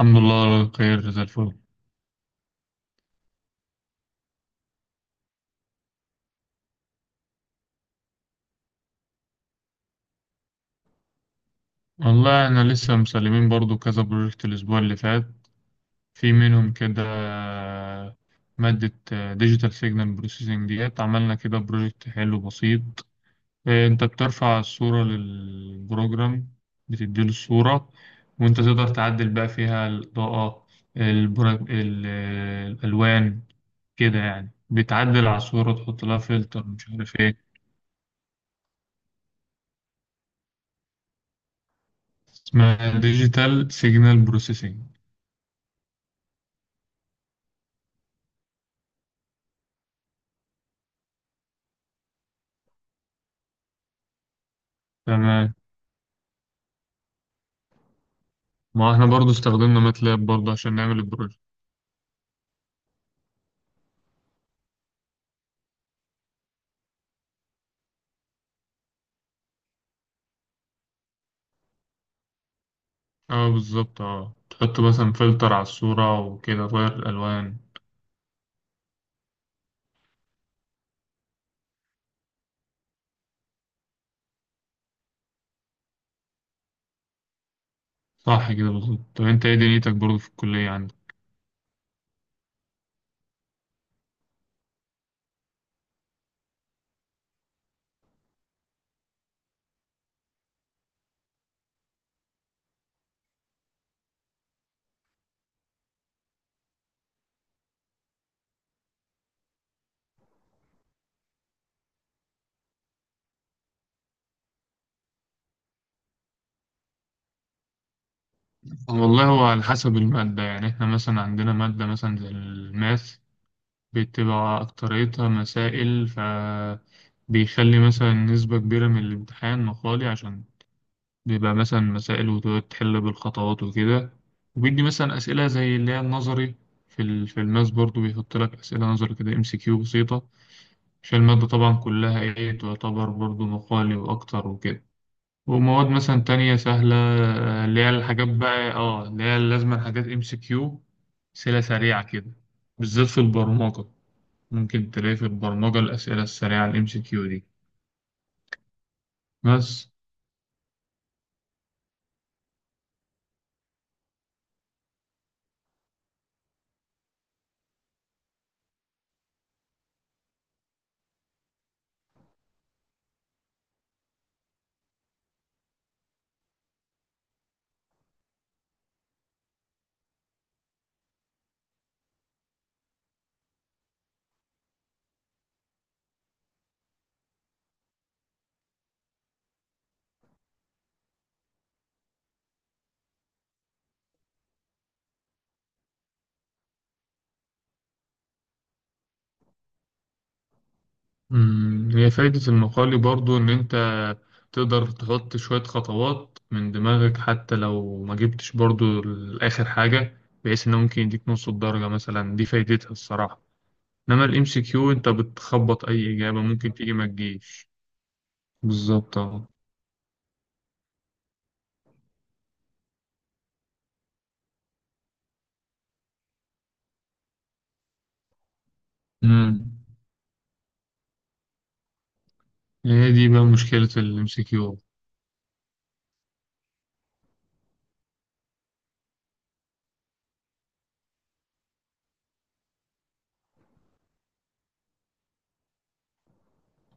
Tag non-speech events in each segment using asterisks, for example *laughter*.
الحمد لله على خير زي الفل. والله احنا لسه مسلمين برضو كذا بروجكت الاسبوع اللي فات في منهم كده. مادة ديجيتال سيجنال بروسيسنج ديت. عملنا كده بروجكت حلو بسيط. انت بترفع الصورة للبروجرام، بتديله الصورة وانت تقدر تعدل بقى فيها الإضاءة، الألوان. كده يعني بتعدل على الصورة تحط لها فلتر مش عارف ايه. اسمها ديجيتال سيجنال بروسيسنج. ما احنا برضو استخدمنا ماتلاب برضو عشان نعمل البروجكت. اه بالظبط، اه تحط مثلا فلتر على الصورة وكده تغير الألوان. صح كده بالظبط. طب انت ايه دنيتك برضو في الكلية عندك؟ والله هو على حسب المادة. يعني احنا مثلا عندنا مادة مثلا زي الماث بتبقى أكتريتها مسائل، ف بيخلي مثلا نسبة كبيرة من الامتحان مقالي، عشان بيبقى مثلا مسائل وتقعد تحل بالخطوات وكده. وبيدي مثلا أسئلة زي اللي هي النظري في الماس برضو بيحط لك أسئلة نظري كده، ام سي كيو بسيطة، عشان المادة طبعا كلها ايه تعتبر برضو مقالي وأكتر وكده. ومواد مثلا تانية سهلة، اللي هي الحاجات بقى اه اللي هي لازما حاجات ام سي كيو، أسئلة سريعة كده، بالذات في البرمجة. ممكن تلاقي في البرمجة الأسئلة السريعة الام سي كيو دي بس. هي فايدة المقالي برضو إن أنت تقدر تحط شوية خطوات من دماغك حتى لو ما جبتش برضو لآخر حاجة، بحيث إنه ممكن يديك نص الدرجة مثلا. دي فايدتها الصراحة. إنما الإم سي كيو أنت بتخبط أي إجابة، ممكن تيجي ما تجيش. بالظبط أه. امم هي دي بقى مشكلة الإم سي كيو.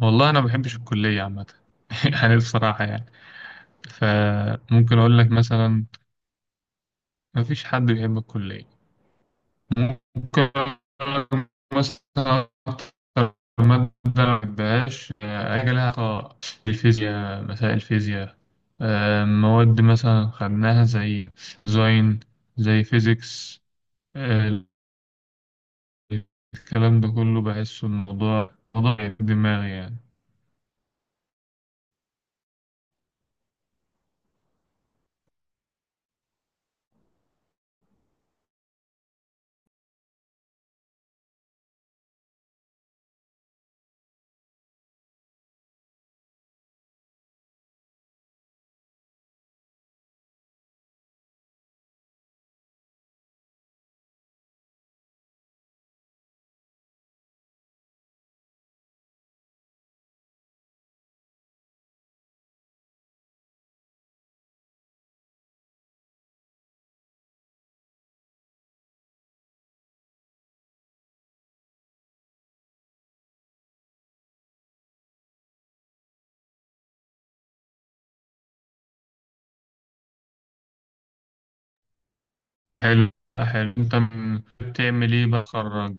والله أنا ما بحبش الكلية عامة *laughs* يعني بصراحة يعني. فممكن أقول لك مثلا ما فيش حد بيحب الكلية. ممكن أقولك مثلا أكتر مادة ما بحبهاش، حاجة لها علاقة بالفيزياء، مسائل الفيزياء. مواد مثلا خدناها زي ديزاين، زي فيزيكس. الكلام ده كله بحس الموضوع موضوع في دماغي يعني. حلو حلو. انت بتعمل ايه بتخرج؟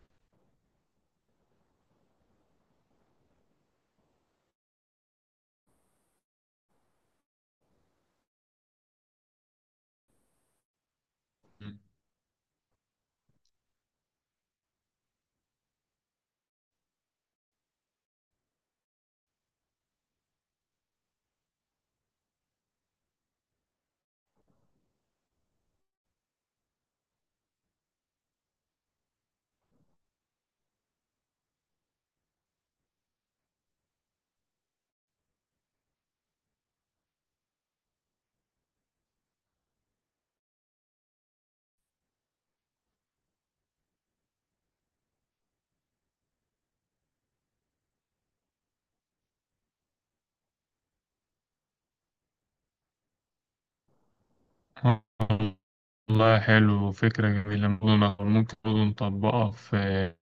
والله حلو، فكرة جميلة. ممكن ممكن برضه نطبقها في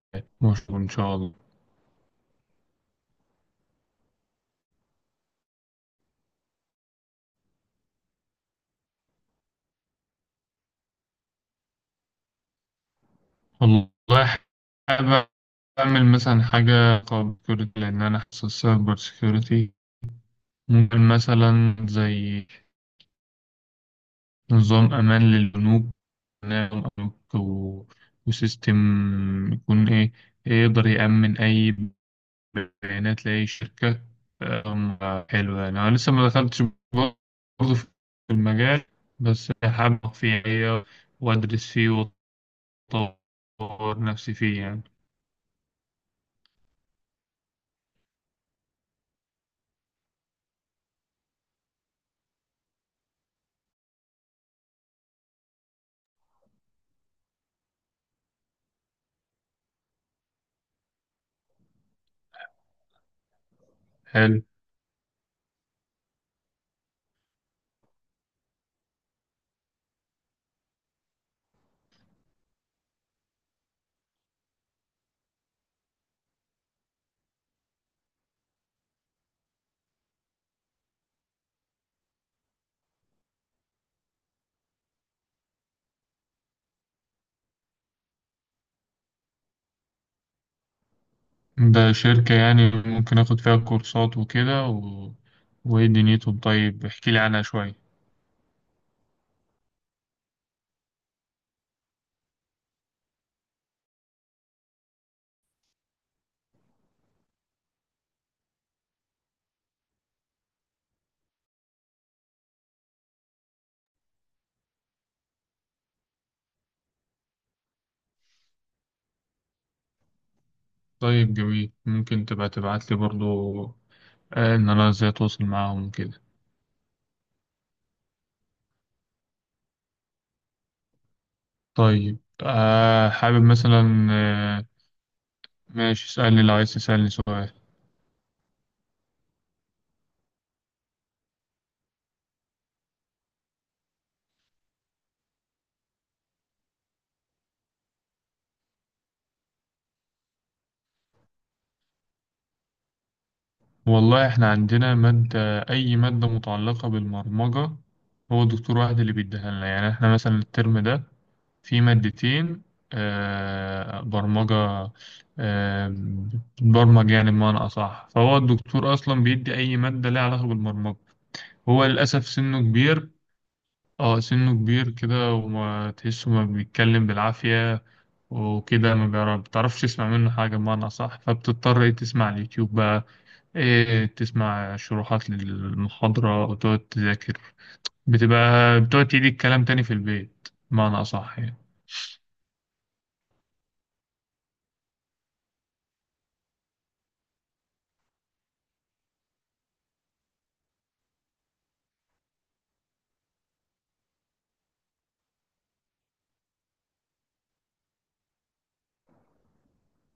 مشروع إن شاء الله. والله حابب أعمل مثلا حاجة خاصة بالسكيورتي، لأن أنا حاسس السايبر سكيورتي. ممكن مثلا زي نظام أمان للبنوك، نظام بنوك وسيستم يكون إيه يقدر يأمن أي بيانات لأي شركة. حلو، يعني أنا لسه ما دخلتش برضه في المجال، بس حابب أقف فيه يعني، وأدرس فيه وأطور نفسي فيه يعني. حلو، ده شركة يعني ممكن آخد فيها كورسات وكده وإيه دنيتهم؟ طيب احكيلي عنها شوية. طيب جميل، ممكن تبقى تبعتلي برضو، إن أنا إزاي أتواصل معاهم وكده. طيب آه حابب مثلا آه ماشي، اسألني لو عايز تسألني سؤال. والله إحنا عندنا مادة، أي مادة متعلقة بالبرمجة هو دكتور واحد اللي بيديها لنا. يعني إحنا مثلا الترم ده في مادتين، برمجة، آه، بتبرمج يعني بمعنى أصح. فهو الدكتور أصلا بيدي أي مادة ليها علاقة بالبرمجة. هو للأسف سنه كبير. اه سنه كبير كده وما تحسه، ما بيتكلم بالعافية وكده. ما بيعرف- بتعرفش تسمع منه حاجة بمعنى أصح، فبتضطر إيه تسمع على اليوتيوب بقى، إيه تسمع شروحات للمحاضرة وتقعد تذاكر. بتبقى بتقعد تعيد الكلام تاني في البيت بمعنى أصح يعني.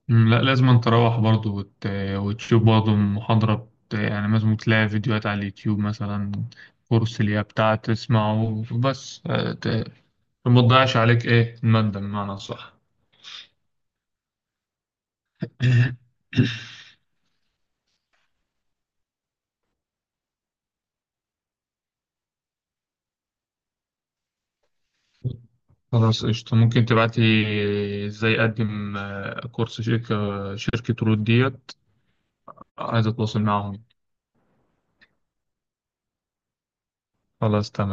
لا لازم أن تروح برضه وتشوف برضه يعني لازم تلاقي فيديوهات على اليوتيوب مثلا، كورس اللي هي بتاع تسمعه بس، ما تضيعش عليك إيه المادة بمعنى صح. *laughs* خلاص قشطة. ممكن تبعتي إزاي أقدم، كورس شركة، شركة رود ديت، عايز أتواصل معاهم. خلاص تمام.